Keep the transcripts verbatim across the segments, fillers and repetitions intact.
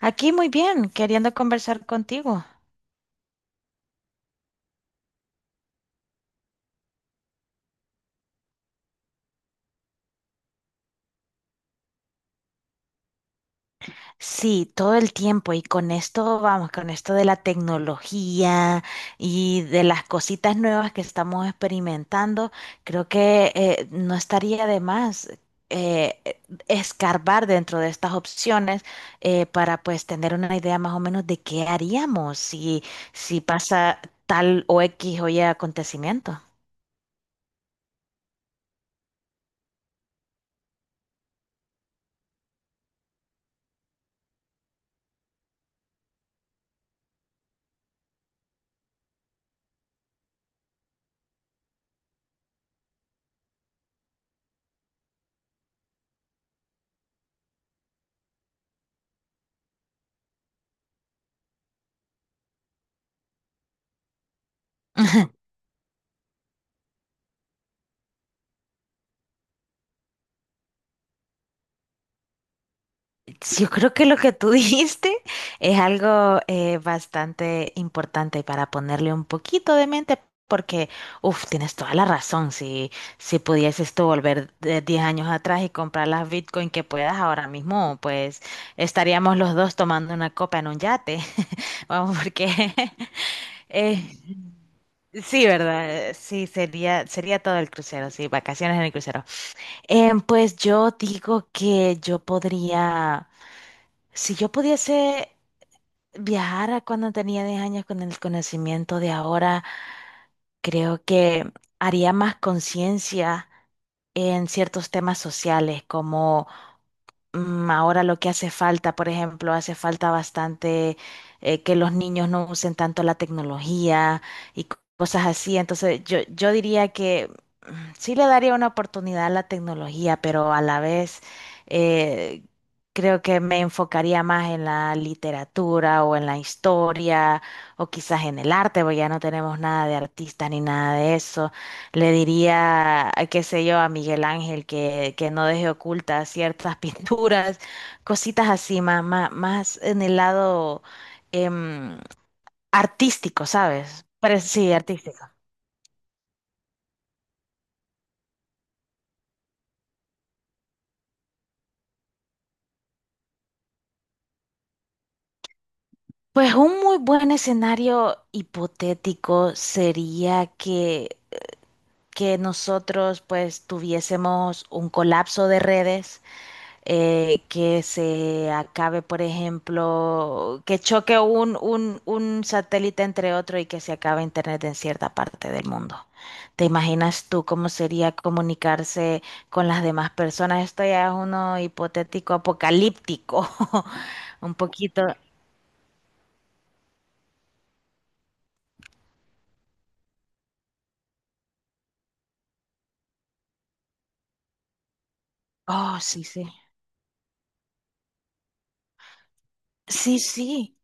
Aquí muy bien, queriendo conversar contigo. Sí, todo el tiempo y con esto, vamos, con esto de la tecnología y de las cositas nuevas que estamos experimentando, creo que eh, no estaría de más eh, eh, escarbar dentro de estas opciones eh, para pues tener una idea más o menos de qué haríamos si, si pasa tal o X o Y acontecimiento. Sí, yo creo que lo que tú dijiste es algo eh, bastante importante para ponerle un poquito de mente, porque, uff, tienes toda la razón. Si, si pudieses tú volver de diez años atrás y comprar las Bitcoin que puedas ahora mismo, pues estaríamos los dos tomando una copa en un yate. Vamos, porque eh, sí, ¿verdad? Eh, Sí, sería, sería todo el crucero, sí, vacaciones en el crucero. Em, pues yo digo que yo podría, si yo pudiese viajar a cuando tenía diez años con el conocimiento de ahora, creo que haría más conciencia en ciertos temas sociales, como. Mm, Ahora lo que hace falta, por ejemplo, hace falta bastante eh, que los niños no usen tanto la tecnología y co- cosas así. Entonces, yo, yo diría que mm, sí le daría una oportunidad a la tecnología, pero a la vez eh, creo que me enfocaría más en la literatura o en la historia o quizás en el arte, porque ya no tenemos nada de artistas ni nada de eso. Le diría, qué sé yo, a Miguel Ángel que, que no deje ocultas ciertas pinturas, cositas así, más, más, más en el lado em, artístico, ¿sabes? Pero sí, artístico. Pues un muy buen escenario hipotético sería que, que nosotros pues tuviésemos un colapso de redes eh, que se acabe, por ejemplo, que choque un, un, un satélite entre otro y que se acabe Internet en cierta parte del mundo. ¿Te imaginas tú cómo sería comunicarse con las demás personas? Esto ya es uno hipotético apocalíptico, un poquito. Oh, sí, sí. Sí, sí.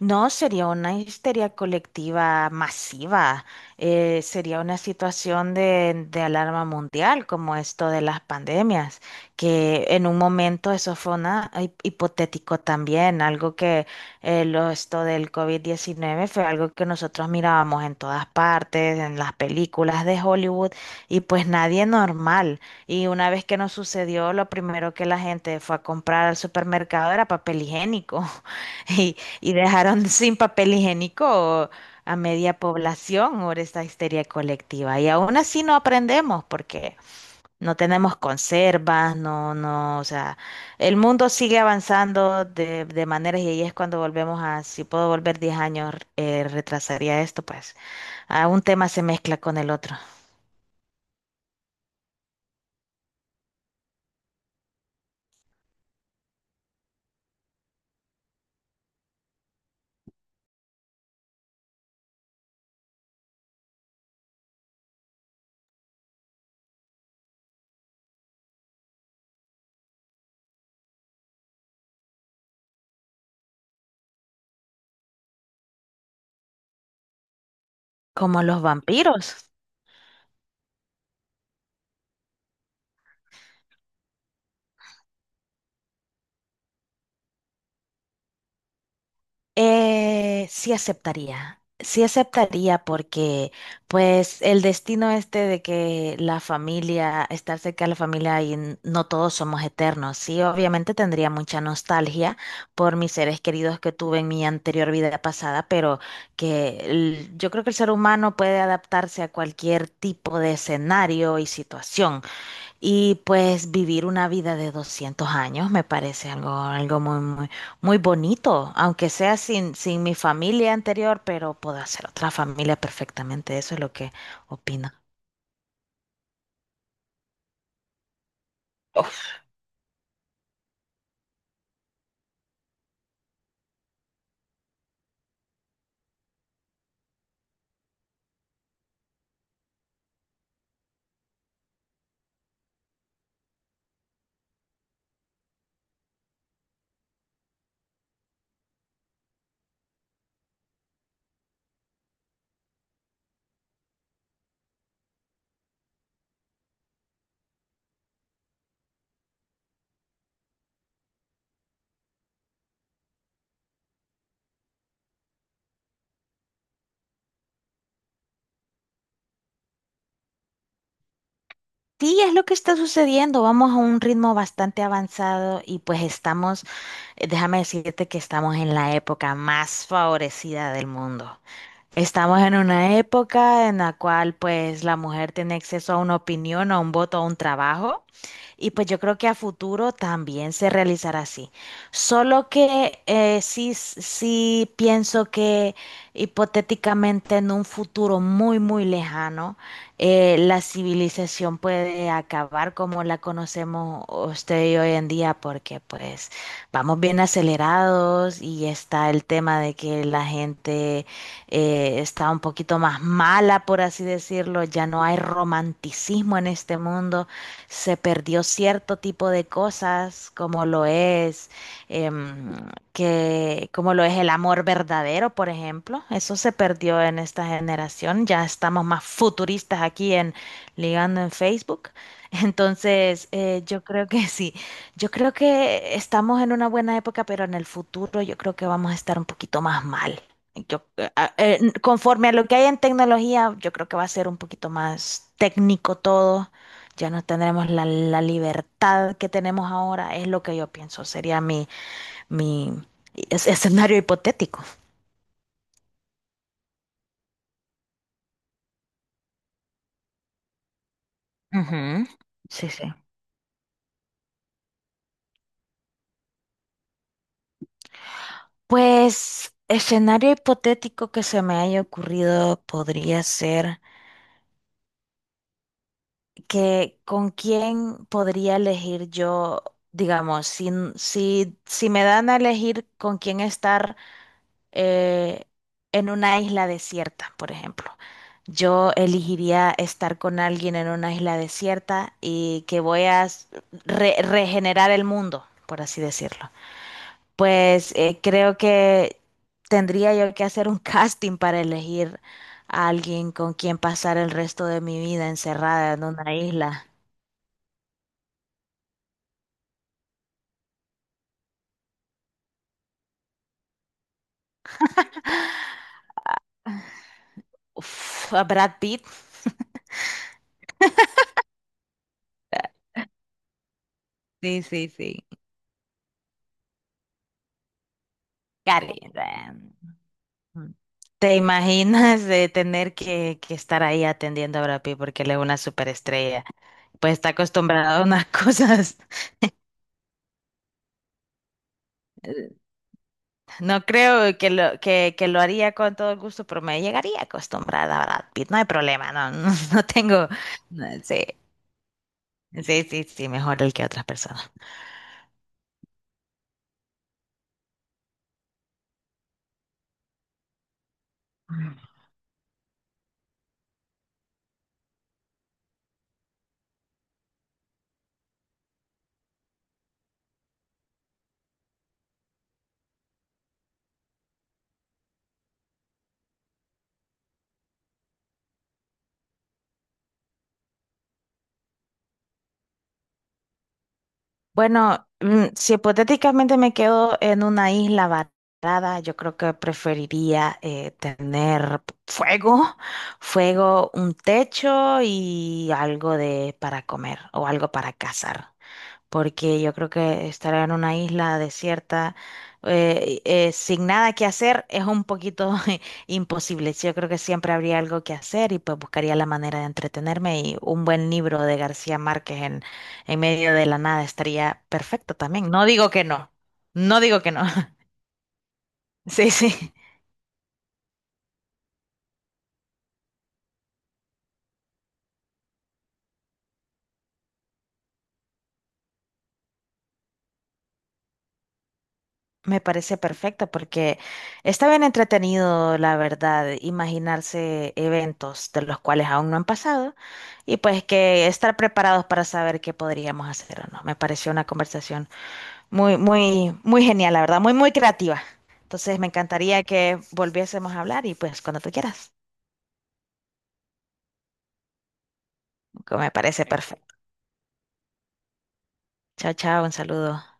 No, sería una histeria colectiva masiva, eh, sería una situación de, de alarma mundial como esto de las pandemias, que en un momento eso fue una hi- hipotético también, algo que eh, lo, esto del covid diecinueve fue algo que nosotros mirábamos en todas partes, en las películas de Hollywood, y pues nadie normal. Y una vez que nos sucedió, lo primero que la gente fue a comprar al supermercado era papel higiénico. Y, y dejaron sin papel higiénico a media población por esta histeria colectiva. Y aún así no aprendemos porque no tenemos conservas, no, no, o sea, el mundo sigue avanzando de, de maneras y ahí es cuando volvemos a, si puedo volver diez años, eh, retrasaría esto, pues a un tema se mezcla con el otro, como los vampiros. Eh, sí aceptaría, sí aceptaría porque pues el destino este de que la familia, estar cerca de la familia y n- no todos somos eternos, sí, obviamente tendría mucha nostalgia por mis seres queridos que tuve en mi anterior vida pasada, pero que el- yo creo que el ser humano puede adaptarse a cualquier tipo de escenario y situación. Y pues vivir una vida de doscientos años me parece algo, algo muy, muy, muy bonito, aunque sea sin, sin mi familia anterior, pero puedo hacer otra familia perfectamente. Eso es lo que opino. Sí, es lo que está sucediendo. Vamos a un ritmo bastante avanzado y pues estamos, eh, déjame decirte que estamos en la época más favorecida del mundo. Estamos en una época en la cual pues la mujer tiene acceso a una opinión, a un voto, a un trabajo y pues yo creo que a futuro también se realizará así. Solo que eh, sí, sí pienso que hipotéticamente en un futuro muy, muy lejano, eh, la civilización puede acabar como la conocemos usted y hoy en día, porque pues vamos bien acelerados y está el tema de que la gente eh, está un poquito más mala, por así decirlo, ya no hay romanticismo en este mundo, se perdió cierto tipo de cosas, como lo es, em, que, como lo es el amor verdadero, por ejemplo. Eso se perdió en esta generación. Ya estamos más futuristas aquí en Ligando en Facebook. Entonces, eh, yo creo que sí. Yo creo que estamos en una buena época, pero en el futuro yo creo que vamos a estar un poquito más mal. Yo, eh, a- eh, n- conforme a lo que hay en tecnología, yo creo que va a ser un poquito más técnico todo, ya no tendremos la, la libertad que tenemos ahora, es lo que yo pienso, sería mi, mi es- escenario hipotético. Ujú. Sí, sí. Pues escenario hipotético que se me haya ocurrido podría ser que con quién podría elegir yo, digamos, si, si, si me dan a elegir con quién estar eh, en una isla desierta, por ejemplo. Yo elegiría estar con alguien en una isla desierta y que voy a s- re- regenerar el mundo, por así decirlo. Pues eh, creo que tendría yo que hacer un casting para elegir a alguien con quien pasar el resto de mi vida encerrada en una isla. Uf, a Brad Pitt. Sí, sí, sí. Gary. Mm. ¿Te imaginas de tener que, que estar ahí atendiendo a Brad Pitt porque él es una superestrella? Pues está acostumbrado a unas cosas. Eh, No creo que lo, que, que lo haría con todo el gusto, pero me llegaría acostumbrada a Brad Pitt. No hay problema, no, no, no tengo. No, sí, sí, sí, sí, mejor el que otras personas. Bueno, mm, si hipotéticamente me quedo en una isla varada, yo creo que preferiría eh, tener fuego, fuego, un techo y algo de para comer o algo para cazar, porque yo creo que estar en una isla desierta, eh, eh, sin nada que hacer, es un poquito imposible. Yo creo que siempre habría algo que hacer y pues buscaría la manera de entretenerme, y un buen libro de García Márquez en, en medio de la nada estaría perfecto también. No digo que no, no digo que no. Sí, sí. Me parece perfecto porque está bien entretenido, la verdad, imaginarse eventos de los cuales aún no han pasado y pues que estar preparados para saber qué podríamos hacer o no. Me pareció una conversación muy, muy, muy genial, la verdad, muy, muy creativa. Entonces me encantaría que volviésemos a hablar y pues cuando tú quieras, que me parece perfecto. Chao, chao, un saludo.